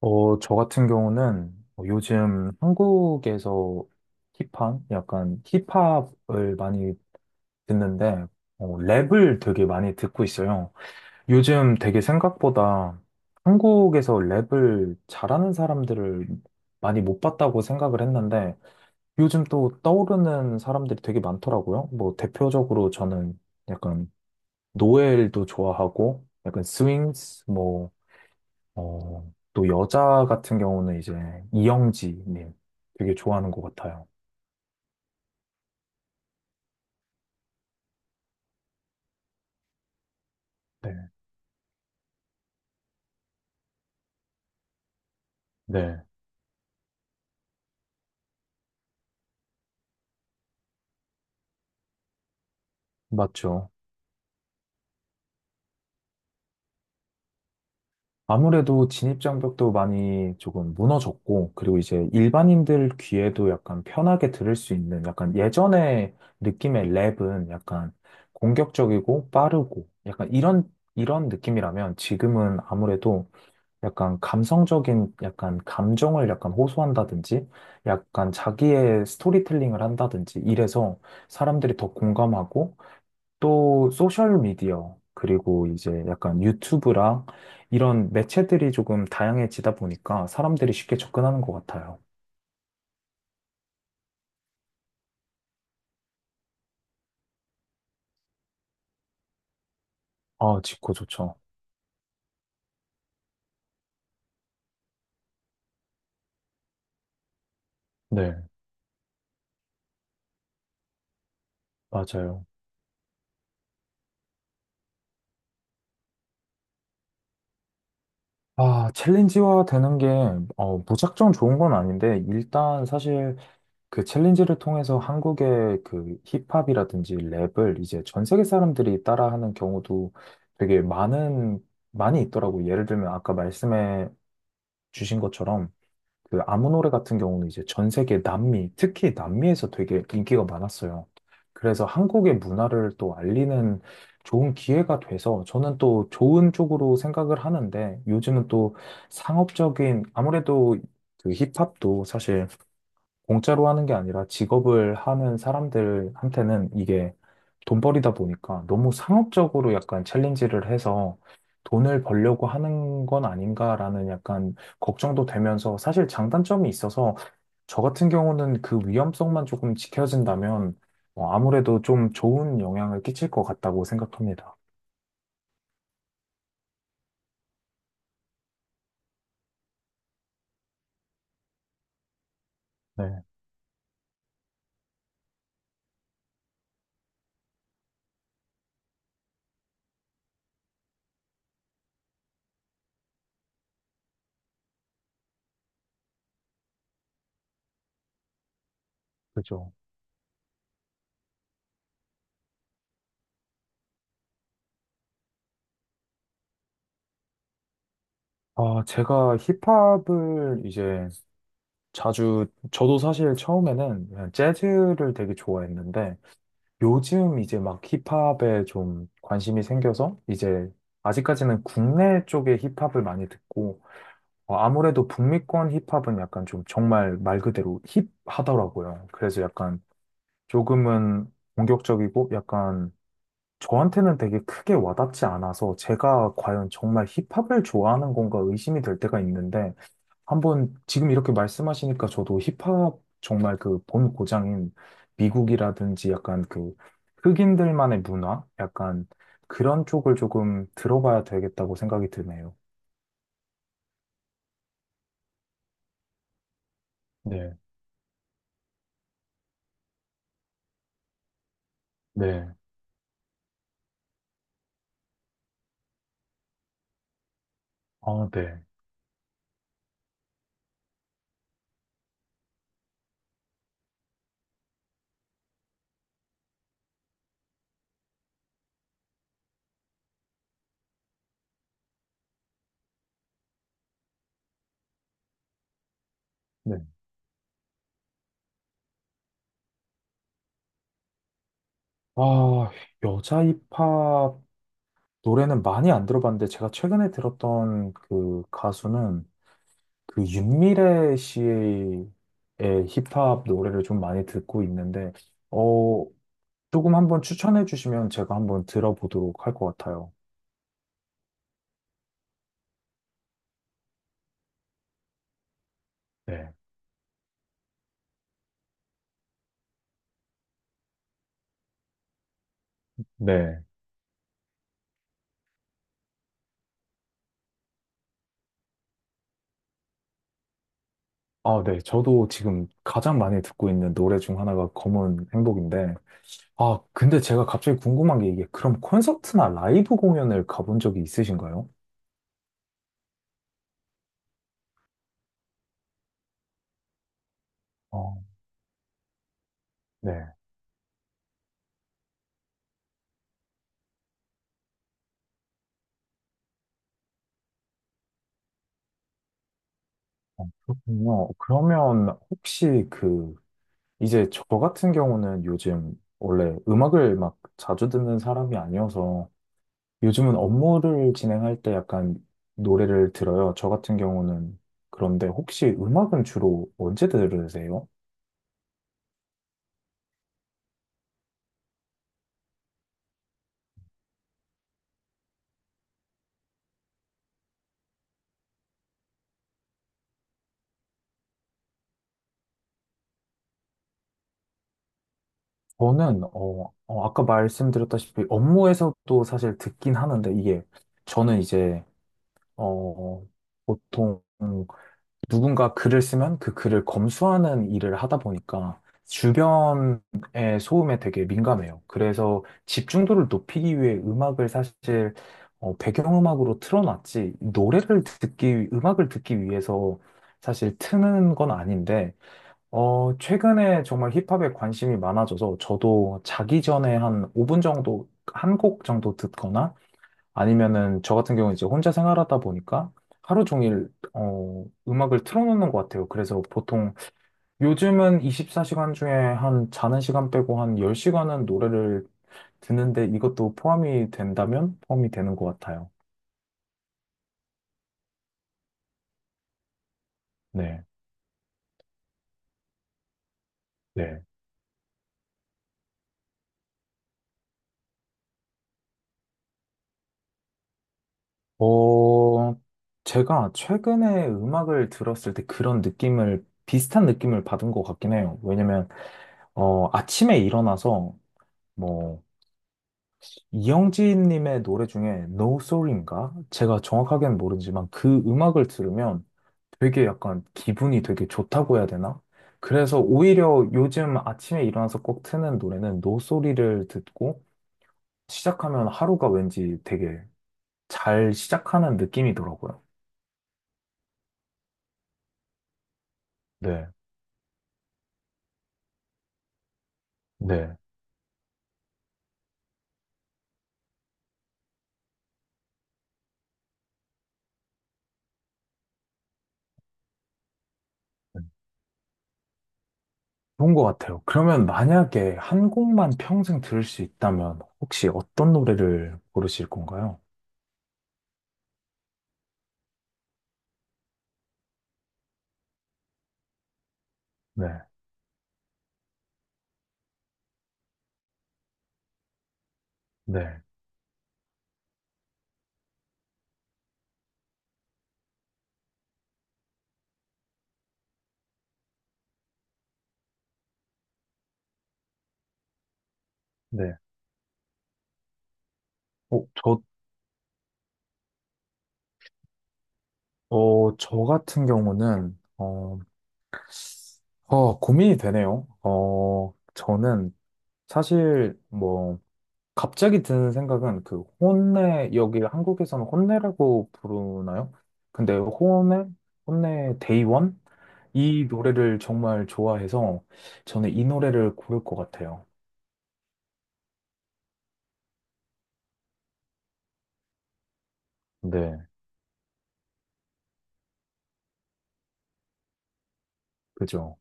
저 같은 경우는 뭐 요즘 한국에서 힙한, 약간 힙합을 많이 듣는데, 랩을 되게 많이 듣고 있어요. 요즘 되게 생각보다 한국에서 랩을 잘하는 사람들을 많이 못 봤다고 생각을 했는데, 요즘 또 떠오르는 사람들이 되게 많더라고요. 뭐, 대표적으로 저는 약간 노엘도 좋아하고, 약간 스윙스, 뭐, 또 여자 같은 경우는 이제 이영지님 되게 좋아하는 것 같아요. 네, 네, 맞죠. 아무래도 진입장벽도 많이 조금 무너졌고, 그리고 이제 일반인들 귀에도 약간 편하게 들을 수 있는 약간 예전의 느낌의 랩은 약간 공격적이고 빠르고 약간 이런, 이런 느낌이라면 지금은 아무래도 약간 감성적인 약간 감정을 약간 호소한다든지 약간 자기의 스토리텔링을 한다든지 이래서 사람들이 더 공감하고 또 소셜 미디어 그리고 이제 약간 유튜브랑 이런 매체들이 조금 다양해지다 보니까 사람들이 쉽게 접근하는 것 같아요. 아, 직코 좋죠. 네, 맞아요. 아, 챌린지화 되는 게, 무작정 좋은 건 아닌데, 일단 사실 그 챌린지를 통해서 한국의 그 힙합이라든지 랩을 이제 전 세계 사람들이 따라하는 경우도 되게 많이 있더라고요. 예를 들면 아까 말씀해 주신 것처럼 그 아무 노래 같은 경우는 이제 전 세계 남미, 특히 남미에서 되게 인기가 많았어요. 그래서 한국의 문화를 또 알리는 좋은 기회가 돼서 저는 또 좋은 쪽으로 생각을 하는데 요즘은 또 상업적인 아무래도 그 힙합도 사실 공짜로 하는 게 아니라 직업을 하는 사람들한테는 이게 돈벌이다 보니까 너무 상업적으로 약간 챌린지를 해서 돈을 벌려고 하는 건 아닌가라는 약간 걱정도 되면서 사실 장단점이 있어서 저 같은 경우는 그 위험성만 조금 지켜진다면 아무래도 좀 좋은 영향을 끼칠 것 같다고 생각합니다. 네, 그죠. 아, 제가 힙합을 이제 자주, 저도 사실 처음에는 그냥 재즈를 되게 좋아했는데, 요즘 이제 막 힙합에 좀 관심이 생겨서 이제 아직까지는 국내 쪽의 힙합을 많이 듣고 아무래도 북미권 힙합은 약간 좀 정말 말 그대로 힙하더라고요. 그래서 약간 조금은 공격적이고 약간 저한테는 되게 크게 와닿지 않아서 제가 과연 정말 힙합을 좋아하는 건가 의심이 될 때가 있는데 한번 지금 이렇게 말씀하시니까 저도 힙합 정말 그 본 고장인 미국이라든지 약간 그 흑인들만의 문화? 약간 그런 쪽을 조금 들어봐야 되겠다고 생각이 드네요. 네, 네, 아, 네, 네. 아, 여자 힙합 노래는 많이 안 들어봤는데 제가 최근에 들었던 그 가수는 그 윤미래 씨의 힙합 노래를 좀 많이 듣고 있는데, 어, 조금 한번 추천해 주시면 제가 한번 들어보도록 할 것 같아요. 네. 네. 아, 네. 저도 지금 가장 많이 듣고 있는 노래 중 하나가 검은 행복인데, 아, 근데 제가 갑자기 궁금한 게 이게 그럼 콘서트나 라이브 공연을 가본 적이 있으신가요? 어, 네. 어, 그렇군요. 그러면 혹시 그, 이제 저 같은 경우는 요즘 원래 음악을 막 자주 듣는 사람이 아니어서 요즘은 업무를 진행할 때 약간 노래를 들어요. 저 같은 경우는. 그런데 혹시 음악은 주로 언제 들으세요? 저는, 아까 말씀드렸다시피 업무에서도 사실 듣긴 하는데 이게 저는 이제, 어, 보통 누군가 글을 쓰면 그 글을 검수하는 일을 하다 보니까 주변의 소음에 되게 민감해요. 그래서 집중도를 높이기 위해 음악을 사실 배경음악으로 틀어놨지, 노래를 음악을 듣기 위해서 사실 트는 건 아닌데, 최근에 정말 힙합에 관심이 많아져서 저도 자기 전에 한 5분 정도, 한 곡 정도 듣거나 아니면은 저 같은 경우는 이제 혼자 생활하다 보니까 하루 종일 음악을 틀어놓는 것 같아요. 그래서 보통 요즘은 24시간 중에 한 자는 시간 빼고 한 10시간은 노래를 듣는데 이것도 포함이 된다면 포함이 되는 것 같아요. 네. 네. 어, 제가 최근에 음악을 들었을 때 그런 느낌을 비슷한 느낌을 받은 것 같긴 해요. 왜냐면 아침에 일어나서 뭐 이영지님의 노래 중에 No Sorry인가? 제가 정확하게는 모르지만 그 음악을 들으면 되게 약간 기분이 되게 좋다고 해야 되나? 그래서 오히려 요즘 아침에 일어나서 꼭 트는 노래는 No Sorry를 듣고 시작하면 하루가 왠지 되게 잘 시작하는 느낌이더라고요. 네, 네. 좋은 것 같아요. 그러면 만약에 한 곡만 평생 들을 수 있다면 혹시 어떤 노래를 고르실 건가요? 네, 네, 네. 어, 저 저 같은 경우는, 고민이 되네요. 저는 사실 뭐, 갑자기 드는 생각은 그 혼내, 여기 한국에서는 혼내라고 부르나요? 근데 혼내, 혼내 데이원? 이 노래를 정말 좋아해서 저는 이 노래를 고를 것 같아요. 네, 그죠.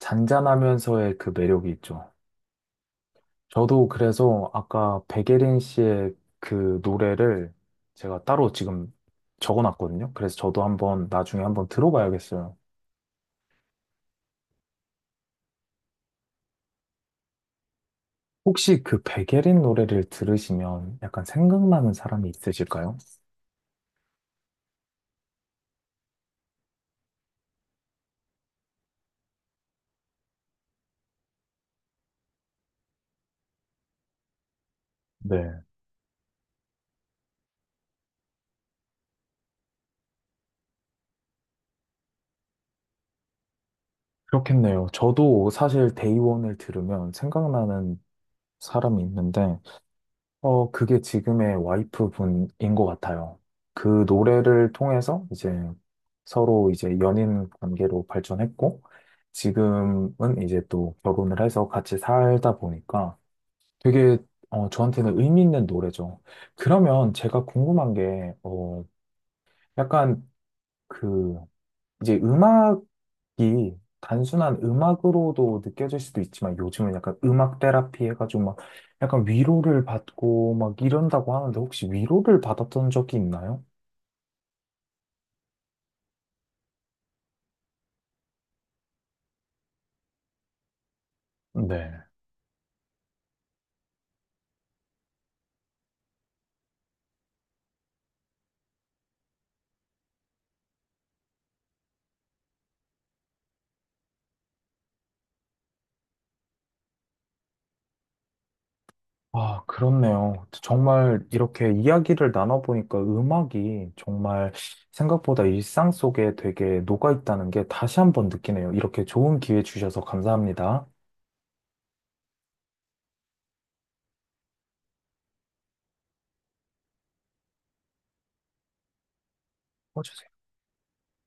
잔잔하면서의 그 매력이 있죠. 저도 그래서 아까 백예린 씨의 그 노래를 제가 따로 지금 적어놨거든요. 그래서 저도 한번 나중에 한번 들어봐야겠어요. 혹시 그 백예린 노래를 들으시면 약간 생각나는 사람이 있으실까요? 네, 그렇겠네요. 저도 사실 데이원을 들으면 생각나는 사람이 있는데 그게 지금의 와이프 분인 것 같아요. 그 노래를 통해서 이제 서로 이제 연인 관계로 발전했고, 지금은 이제 또 결혼을 해서 같이 살다 보니까 되게, 저한테는 의미 있는 노래죠. 그러면 제가 궁금한 게, 약간 그 이제 음악이 단순한 음악으로도 느껴질 수도 있지만 요즘은 약간 음악 테라피 해가지고 막 약간 위로를 받고 막 이런다고 하는데 혹시 위로를 받았던 적이 있나요? 네. 아, 그렇네요. 정말 이렇게 이야기를 나눠보니까 음악이 정말 생각보다 일상 속에 되게 녹아있다는 게 다시 한 번 느끼네요. 이렇게 좋은 기회 주셔서 감사합니다. 어서오세요.